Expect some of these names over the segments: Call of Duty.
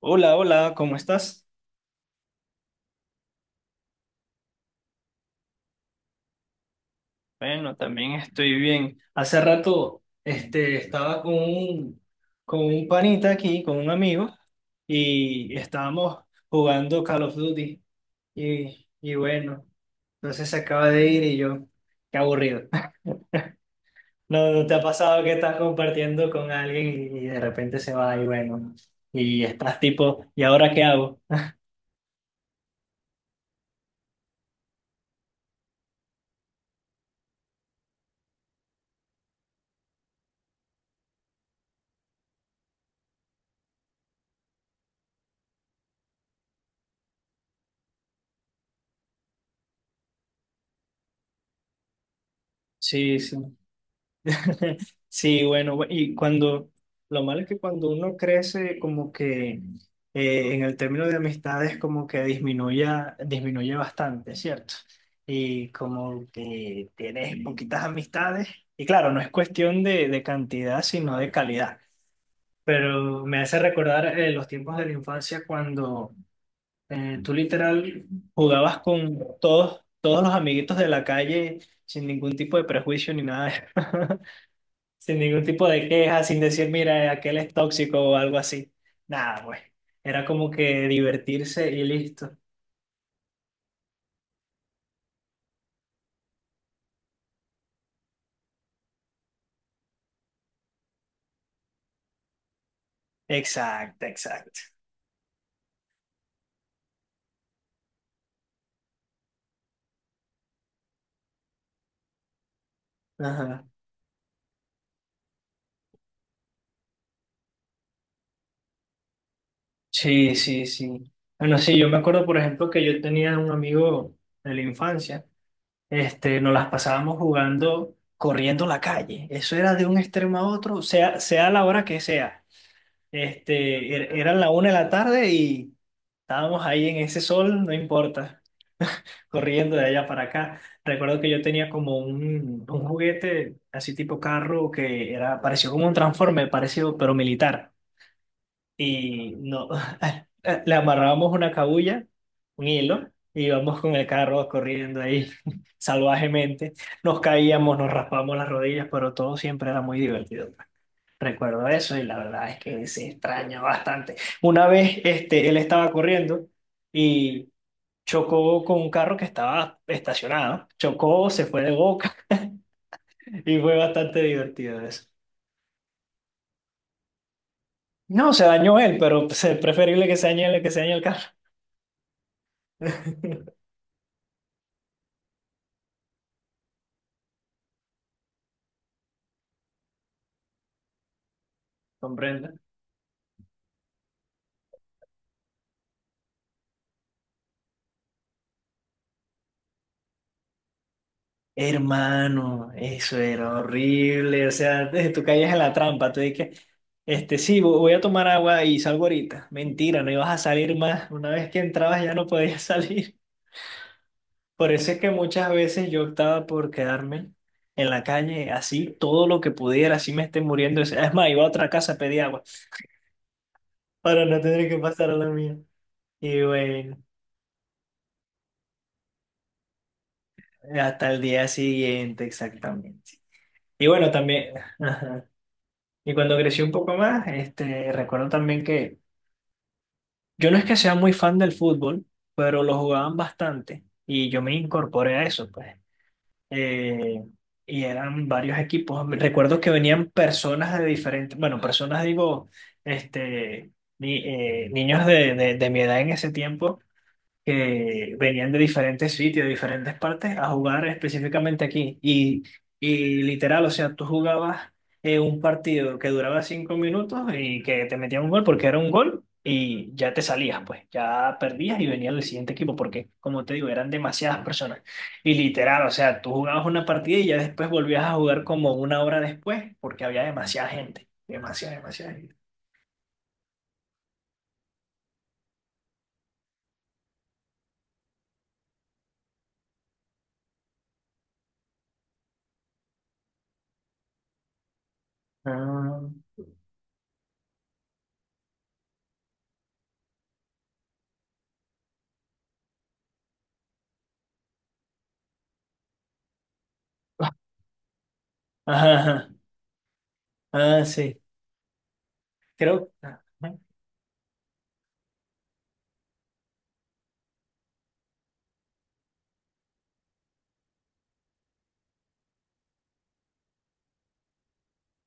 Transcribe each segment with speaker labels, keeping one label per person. Speaker 1: Hola, hola, ¿cómo estás? Bueno, también estoy bien. Hace rato estaba con con un panita aquí, con un amigo, y estábamos jugando Call of Duty. Y bueno, entonces se acaba de ir y yo, qué aburrido. ¿No, no te ha pasado que estás compartiendo con alguien y de repente se va y bueno, y estás tipo, ¿y ahora qué hago? Sí, sí. Sí, bueno, y cuando, lo malo es que cuando uno crece, como que en el término de amistades, como que disminuye bastante, ¿cierto? Y como que tienes poquitas amistades, y claro, no es cuestión de cantidad, sino de calidad. Pero me hace recordar los tiempos de la infancia cuando tú literal jugabas con todos los amiguitos de la calle sin ningún tipo de prejuicio ni nada. Sin ningún tipo de queja, sin decir, mira, aquel es tóxico o algo así. Nada, pues. Era como que divertirse y listo. Exacto, exacto. Ajá. Sí, sí, sí. Bueno, sí, yo me acuerdo, por ejemplo, que yo tenía un amigo de la infancia. Este, nos las pasábamos jugando, corriendo la calle. Eso era de un extremo a otro, sea, sea la hora que sea. Este, eran la 1 de la tarde y estábamos ahí en ese sol, no importa. Corriendo de allá para acá. Recuerdo que yo tenía como un juguete así tipo carro que era parecido como un transforme parecido, pero militar. Y no, le amarrábamos una cabulla, un hilo, y íbamos con el carro corriendo ahí salvajemente. Nos caíamos, nos raspamos las rodillas, pero todo siempre era muy divertido. Recuerdo eso y la verdad es que se extraña bastante. Una vez él estaba corriendo y chocó con un carro que estaba estacionado. Chocó, se fue de boca y fue bastante divertido eso. No, se dañó él, pero pues, es preferible que se dañe él que se dañe el carro. Comprende. Hermano, eso era horrible. O sea, desde tú caías en la trampa. Tú dices, este, sí, voy a tomar agua y salgo ahorita. Mentira, no ibas a salir más. Una vez que entrabas ya no podías salir. Por eso es que muchas veces yo optaba por quedarme en la calle, así todo lo que pudiera, así me esté muriendo. Es más, iba a otra casa a pedir agua para no tener que pasar a la mía. Y bueno, hasta el día siguiente, exactamente. Y bueno, también, ajá. Y cuando crecí un poco más, este, recuerdo también que yo no es que sea muy fan del fútbol, pero lo jugaban bastante y yo me incorporé a eso, pues. eh, y eran varios equipos. Recuerdo que venían personas de diferentes, bueno, personas digo, este, niños de mi edad en ese tiempo que venían de diferentes sitios, de diferentes partes, a jugar específicamente aquí. Y literal, o sea, tú jugabas un partido que duraba 5 minutos y que te metían un gol porque era un gol y ya te salías, pues, ya perdías y venía el siguiente equipo porque, como te digo, eran demasiadas personas. Y literal, o sea, tú jugabas una partida y ya después volvías a jugar como una hora después porque había demasiada gente, demasiada, demasiada gente. Ah, ajá, ajá. Ah, sí, creo. Ah,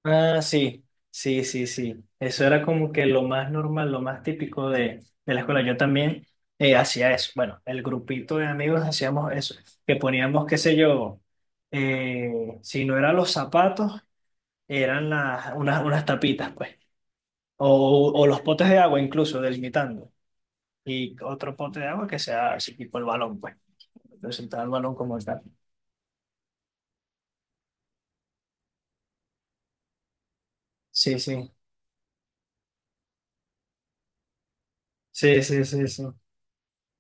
Speaker 1: ah, sí, sí, sí, sí. Eso era como que lo más normal, lo más típico de la escuela. Yo también hacía eso. Bueno, el grupito de amigos hacíamos eso, que poníamos, qué sé yo, eh, si no eran los zapatos, eran unas, unas tapitas, pues. O los potes de agua incluso, delimitando. Y otro pote de agua que sea así tipo el balón, pues. Representar el balón como tal. Sí, sí, sí, sí, sí, sí.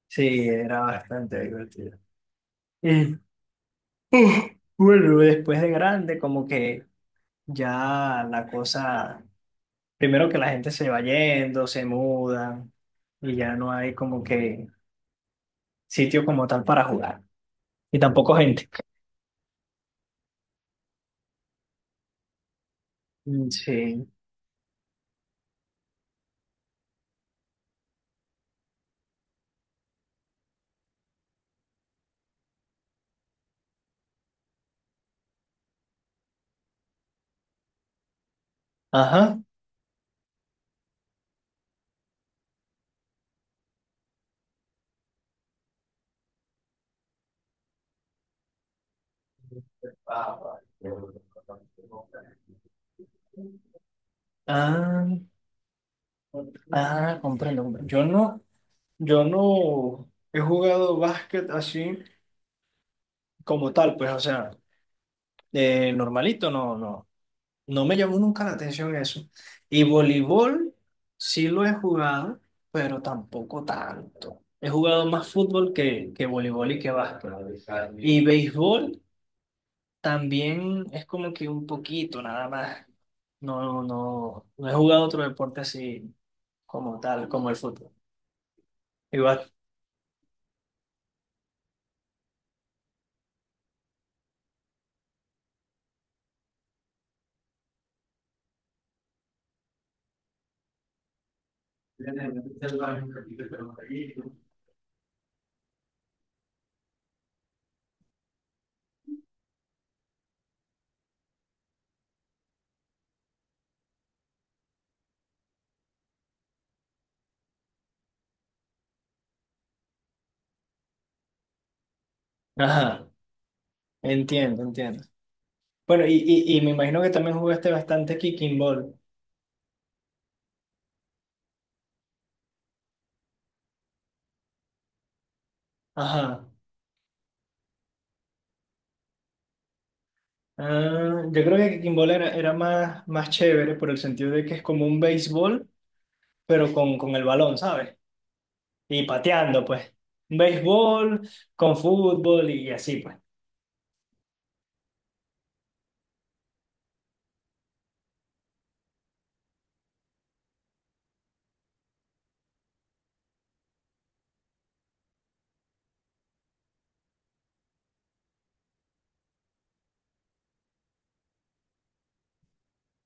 Speaker 1: Sí, era bastante divertido. Uf, bueno, después de grande, como que ya la cosa, primero que la gente se va yendo, se muda y ya no hay como que sitio como tal para jugar y tampoco gente. Mm, sí. Ajá. Ah, ah, comprendo. Yo no he jugado básquet así como tal, pues, o sea, normalito, no, no. No me llamó nunca la atención eso. Y voleibol sí lo he jugado, pero tampoco tanto. He jugado más fútbol que voleibol y que básquet. Y béisbol también es como que un poquito, nada más. No, no, no he jugado otro deporte así como tal, como el fútbol. Igual. Ajá, entiendo, entiendo. Bueno, y me imagino que también jugaste bastante kicking ball. Ajá. Ah, yo creo que kimball era, era más, más chévere por el sentido de que es como un béisbol, pero con el balón, ¿sabes? Y pateando, pues. Un béisbol con fútbol y así, pues.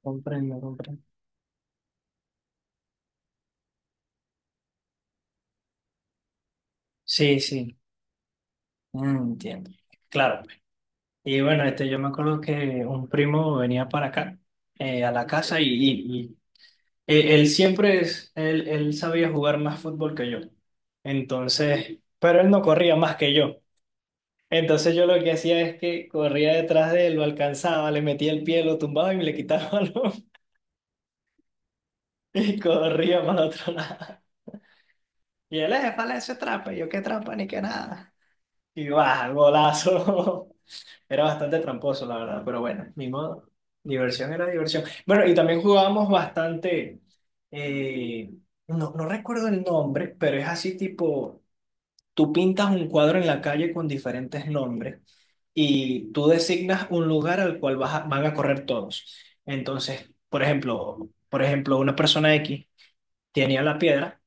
Speaker 1: Comprendo, comprendo. Sí, sí, mm, entiendo. Claro, pues. Y bueno, este, yo me acuerdo que un primo venía para acá, a la casa, y, él sabía jugar más fútbol que yo. Entonces, pero él no corría más que yo. Entonces yo lo que hacía es que corría detrás de él, lo alcanzaba, le metía el pie, lo tumbaba y me le quitaba el balón y corría para el otro lado. Y él, vale, eso es trampa. Y yo, qué trampa ni qué nada. Y va, golazo. Era bastante tramposo, la verdad, pero bueno, ni modo. Diversión era diversión. Bueno, y también jugábamos bastante, eh, no, no recuerdo el nombre, pero es así tipo, tú pintas un cuadro en la calle con diferentes nombres. Y tú designas un lugar al cual van a correr todos. Entonces, por ejemplo, una persona X tenía la piedra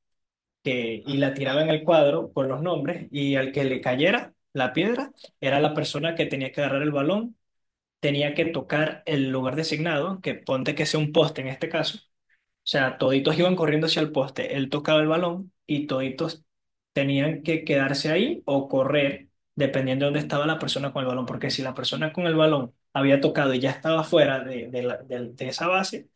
Speaker 1: y la tiraba en el cuadro con los nombres y al que le cayera la piedra era la persona que tenía que agarrar el balón, tenía que tocar el lugar designado, que ponte que sea un poste en este caso, o sea, toditos iban corriendo hacia el poste. Él tocaba el balón y toditos tenían que quedarse ahí o correr, dependiendo de dónde estaba la persona con el balón. Porque si la persona con el balón había tocado y ya estaba fuera de esa base,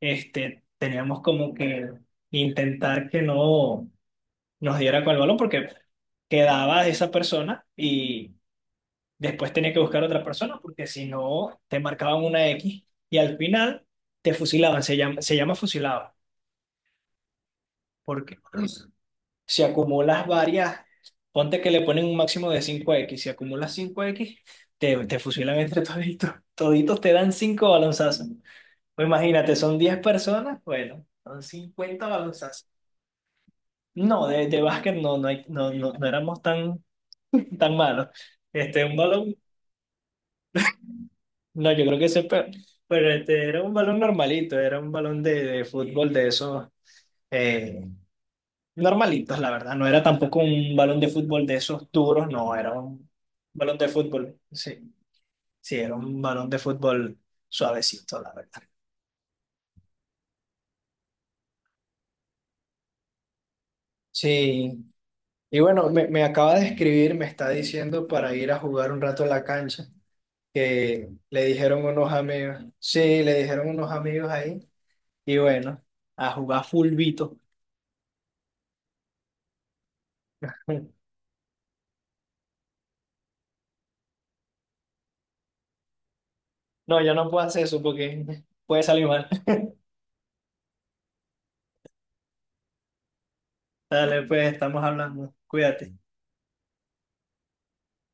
Speaker 1: este, teníamos como que intentar que no nos diera con el balón porque quedaba esa persona y después tenía que buscar otra persona porque si no, te marcaban una X y al final te fusilaban. Se llama fusilado. Porque si acumulas varias, ponte que le ponen un máximo de cinco X. Si acumulas cinco X te fusilan entre toditos. Toditos te dan 5 balonzazos. Pues imagínate, son 10 personas, bueno, son 50 balonzazos. No, de básquet no, no, no, no, no éramos tan, tan malos. Este, un balón, no, yo creo que ese, pero este, era un balón normalito, era un balón de fútbol de esos. Eh, normalitos, la verdad. No era tampoco un balón de fútbol de esos duros, no, era un balón de fútbol. Sí, sí, era un balón de fútbol suavecito, la verdad. Sí, y bueno, me acaba de escribir, me está diciendo para ir a jugar un rato a la cancha, que le dijeron unos amigos, sí, le dijeron unos amigos ahí, y bueno, a jugar fulbito. No, yo no puedo hacer eso porque puede salir mal. Dale, pues estamos hablando, cuídate.